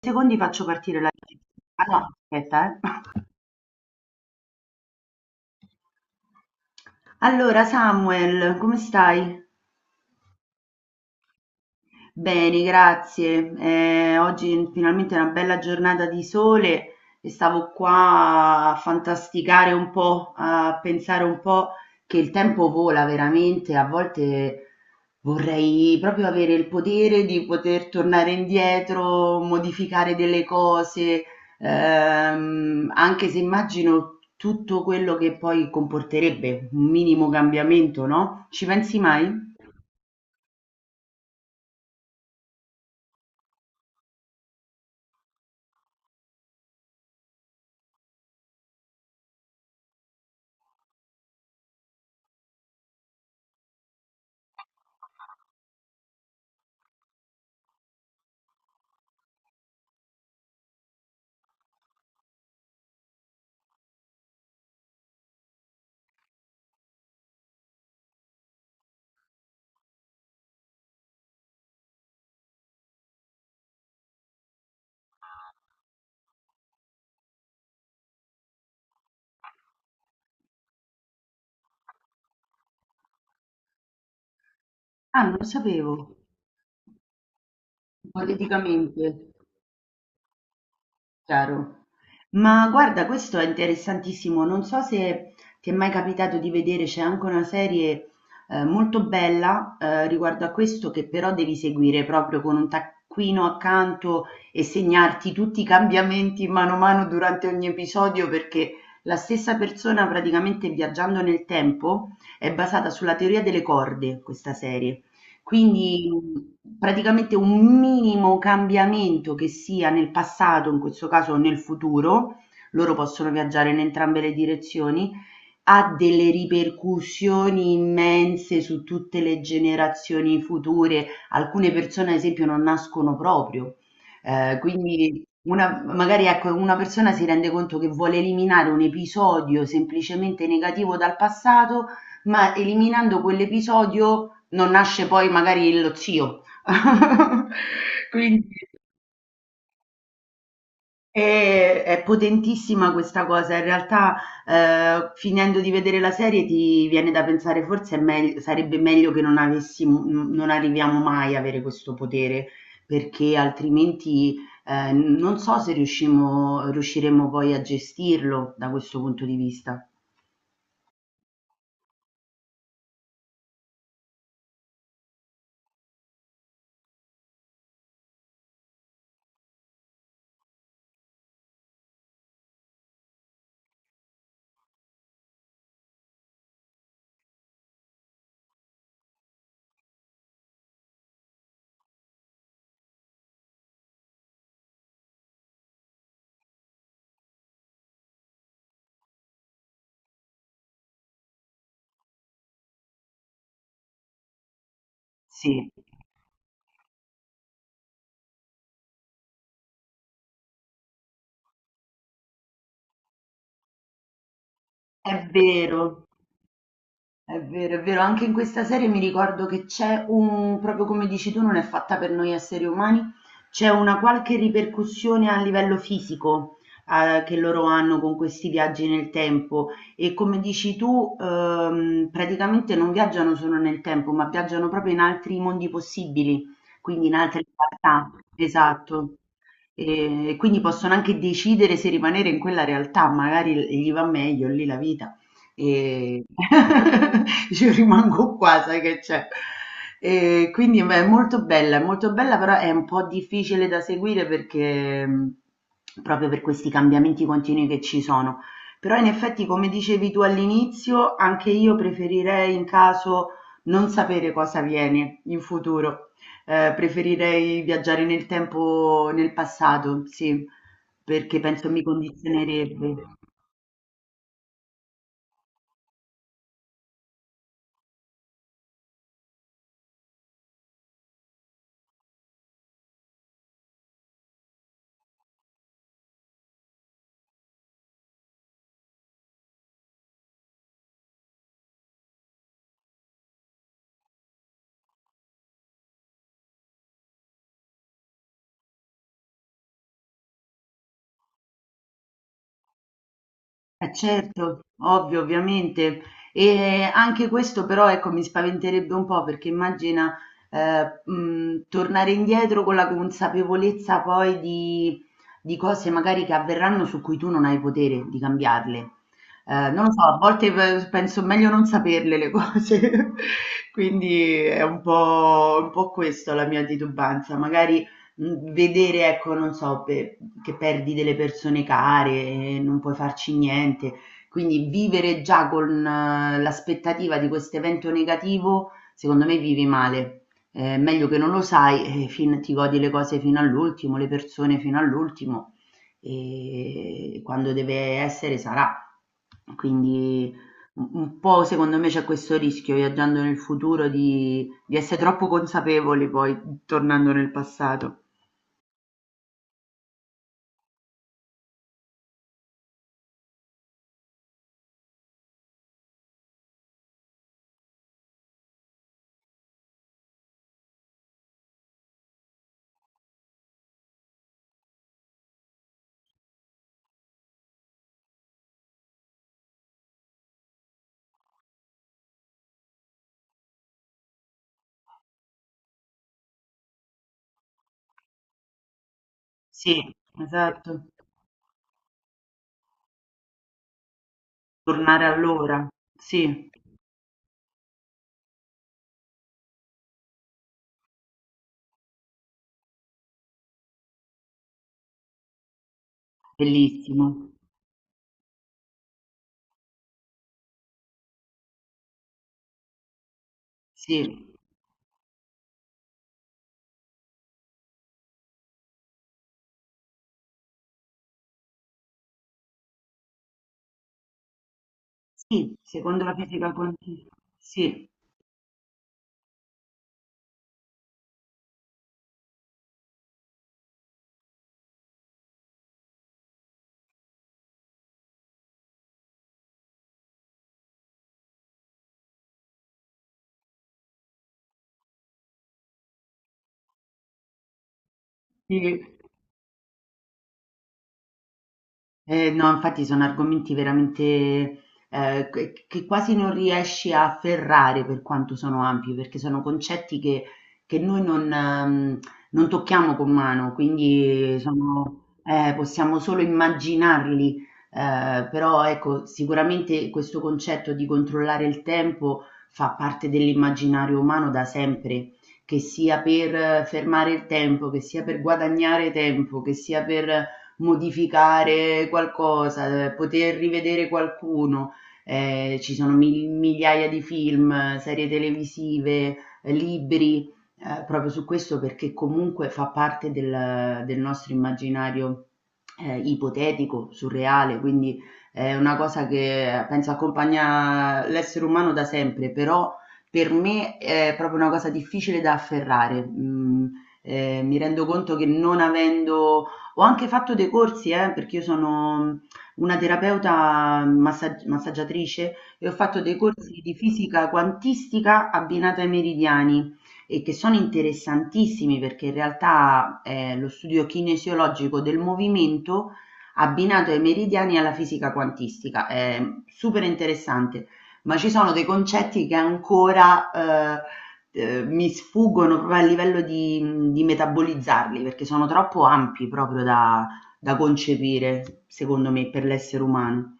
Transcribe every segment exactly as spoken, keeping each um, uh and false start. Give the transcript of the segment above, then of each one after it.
Secondi faccio partire la... Ah no, aspetta, eh. Allora, Samuel, come stai? Bene, grazie. Eh, oggi finalmente è una bella giornata di sole e stavo qua a fantasticare un po', a pensare un po' che il tempo vola veramente. A volte vorrei proprio avere il potere di poter tornare indietro, modificare delle cose, ehm, anche se immagino tutto quello che poi comporterebbe un minimo cambiamento, no? Ci pensi mai? Ah, non lo sapevo. Politicamente, chiaro. Ma guarda, questo è interessantissimo. Non so se ti è mai capitato di vedere, c'è anche una serie eh, molto bella eh, riguardo a questo, che però devi seguire proprio con un taccuino accanto e segnarti tutti i cambiamenti mano a mano durante ogni episodio, perché la stessa persona praticamente viaggiando nel tempo è basata sulla teoria delle corde, questa serie. Quindi, mhmm, praticamente un minimo cambiamento, che sia nel passato, in questo caso, o nel futuro, loro possono viaggiare in entrambe le direzioni, ha delle ripercussioni immense su tutte le generazioni future. Alcune persone, ad esempio, non nascono proprio. Ehm, quindi una magari ecco, una persona si rende conto che vuole eliminare un episodio semplicemente negativo dal passato, ma eliminando quell'episodio non nasce poi magari lo zio. Quindi è è potentissima questa cosa. In realtà, ehm, finendo di vedere la serie ti viene da pensare forse è megl sarebbe meglio che non avessimo n non arriviamo mai a avere questo potere, perché altrimenti, ehm, non so se riuscimo riusciremo poi a gestirlo da questo punto di vista. Sì, è vero. È vero, è vero, anche in questa serie mi ricordo che c'è un, proprio come dici tu, non è fatta per noi esseri umani, c'è una qualche ripercussione a livello fisico, eh, che loro hanno con questi viaggi nel tempo e come dici tu, ehm, praticamente non viaggiano solo nel tempo, ma viaggiano proprio in altri mondi possibili, quindi in altre realtà. Esatto. E quindi possono anche decidere se rimanere in quella realtà, magari gli va meglio lì la vita. E io rimango qua, sai che c'è. E quindi beh, è molto bella, è molto bella, però è un po' difficile da seguire perché mh, proprio per questi cambiamenti continui che ci sono. Però in effetti, come dicevi tu all'inizio, anche io preferirei in caso non sapere cosa viene in futuro. Eh, preferirei viaggiare nel tempo, nel passato, sì, perché penso mi condizionerebbe. Eh certo, ovvio, ovviamente. E anche questo però ecco mi spaventerebbe un po' perché immagina eh, mh, tornare indietro con la consapevolezza poi di, di cose magari che avverranno su cui tu non hai potere di cambiarle. Eh, non lo so, a volte pe- penso meglio non saperle le cose, quindi è un po', un po' questo la mia titubanza. Magari Mhmm, vedere ecco, non so, pe che perdi delle persone care, non puoi farci niente, quindi vivere già con eh, l'aspettativa di quest'evento negativo, secondo me vivi male. Ehm, meglio che non lo sai e fin ti godi le cose fino all'ultimo, le persone fino all'ultimo e quando deve essere sarà. Quindi u un po' secondo me c'è questo rischio viaggiando nel futuro di di essere troppo consapevoli poi, tornando nel passato. Sì, esatto. Tornare all'ora. Sì, bellissimo. Sì, sì, secondo la fisica quantistica. Sì, sì. Eh, no, infatti sono argomenti veramente eh, che che quasi non riesci a afferrare per quanto sono ampi, perché sono concetti che, che noi non, ehm, non tocchiamo con mano, quindi sono, eh, possiamo solo immaginarli. Eh, però ecco, sicuramente questo concetto di controllare il tempo fa parte dell'immaginario umano da sempre, che sia per eh, fermare il tempo, che sia per guadagnare tempo, che sia per modificare qualcosa, eh, poter rivedere qualcuno. Eh, ci sono mil- migliaia di film, serie televisive, eh, libri, eh, proprio su questo perché comunque fa parte del, del nostro immaginario eh, ipotetico, surreale, quindi è una cosa che penso accompagna l'essere umano da sempre, però per me è proprio una cosa difficile da afferrare. Mm, eh, mi rendo conto che non avendo ho anche fatto dei corsi, eh, perché io sono mm, una terapeuta massa- massaggiatrice e ho fatto dei corsi di fisica quantistica abbinata ai meridiani e che sono interessantissimi perché in realtà è lo studio kinesiologico del movimento abbinato ai meridiani e alla fisica quantistica. È super interessante, ma ci sono dei concetti che ancora eh, Ehm, mi sfuggono proprio a livello di mhmm, di metabolizzarli, perché sono troppo ampi proprio da da concepire, secondo me, per l'essere umano.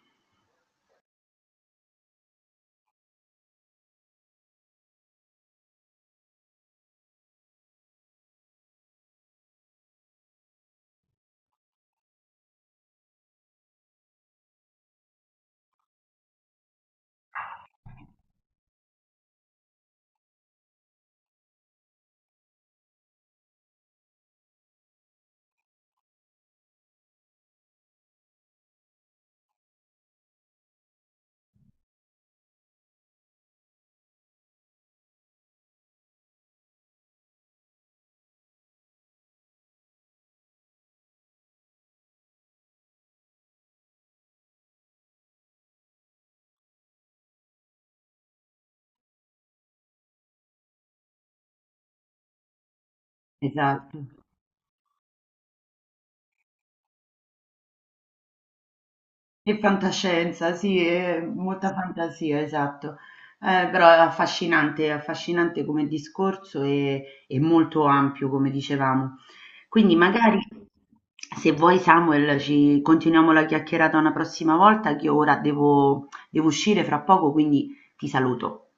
Esatto. E fantascienza, sì, e molta fantasia, esatto. Eh, però è affascinante, è affascinante come discorso e e molto ampio, come dicevamo. Quindi magari, se vuoi Samuel, ci continuiamo la chiacchierata una prossima volta, che io ora devo devo uscire fra poco, quindi ti saluto.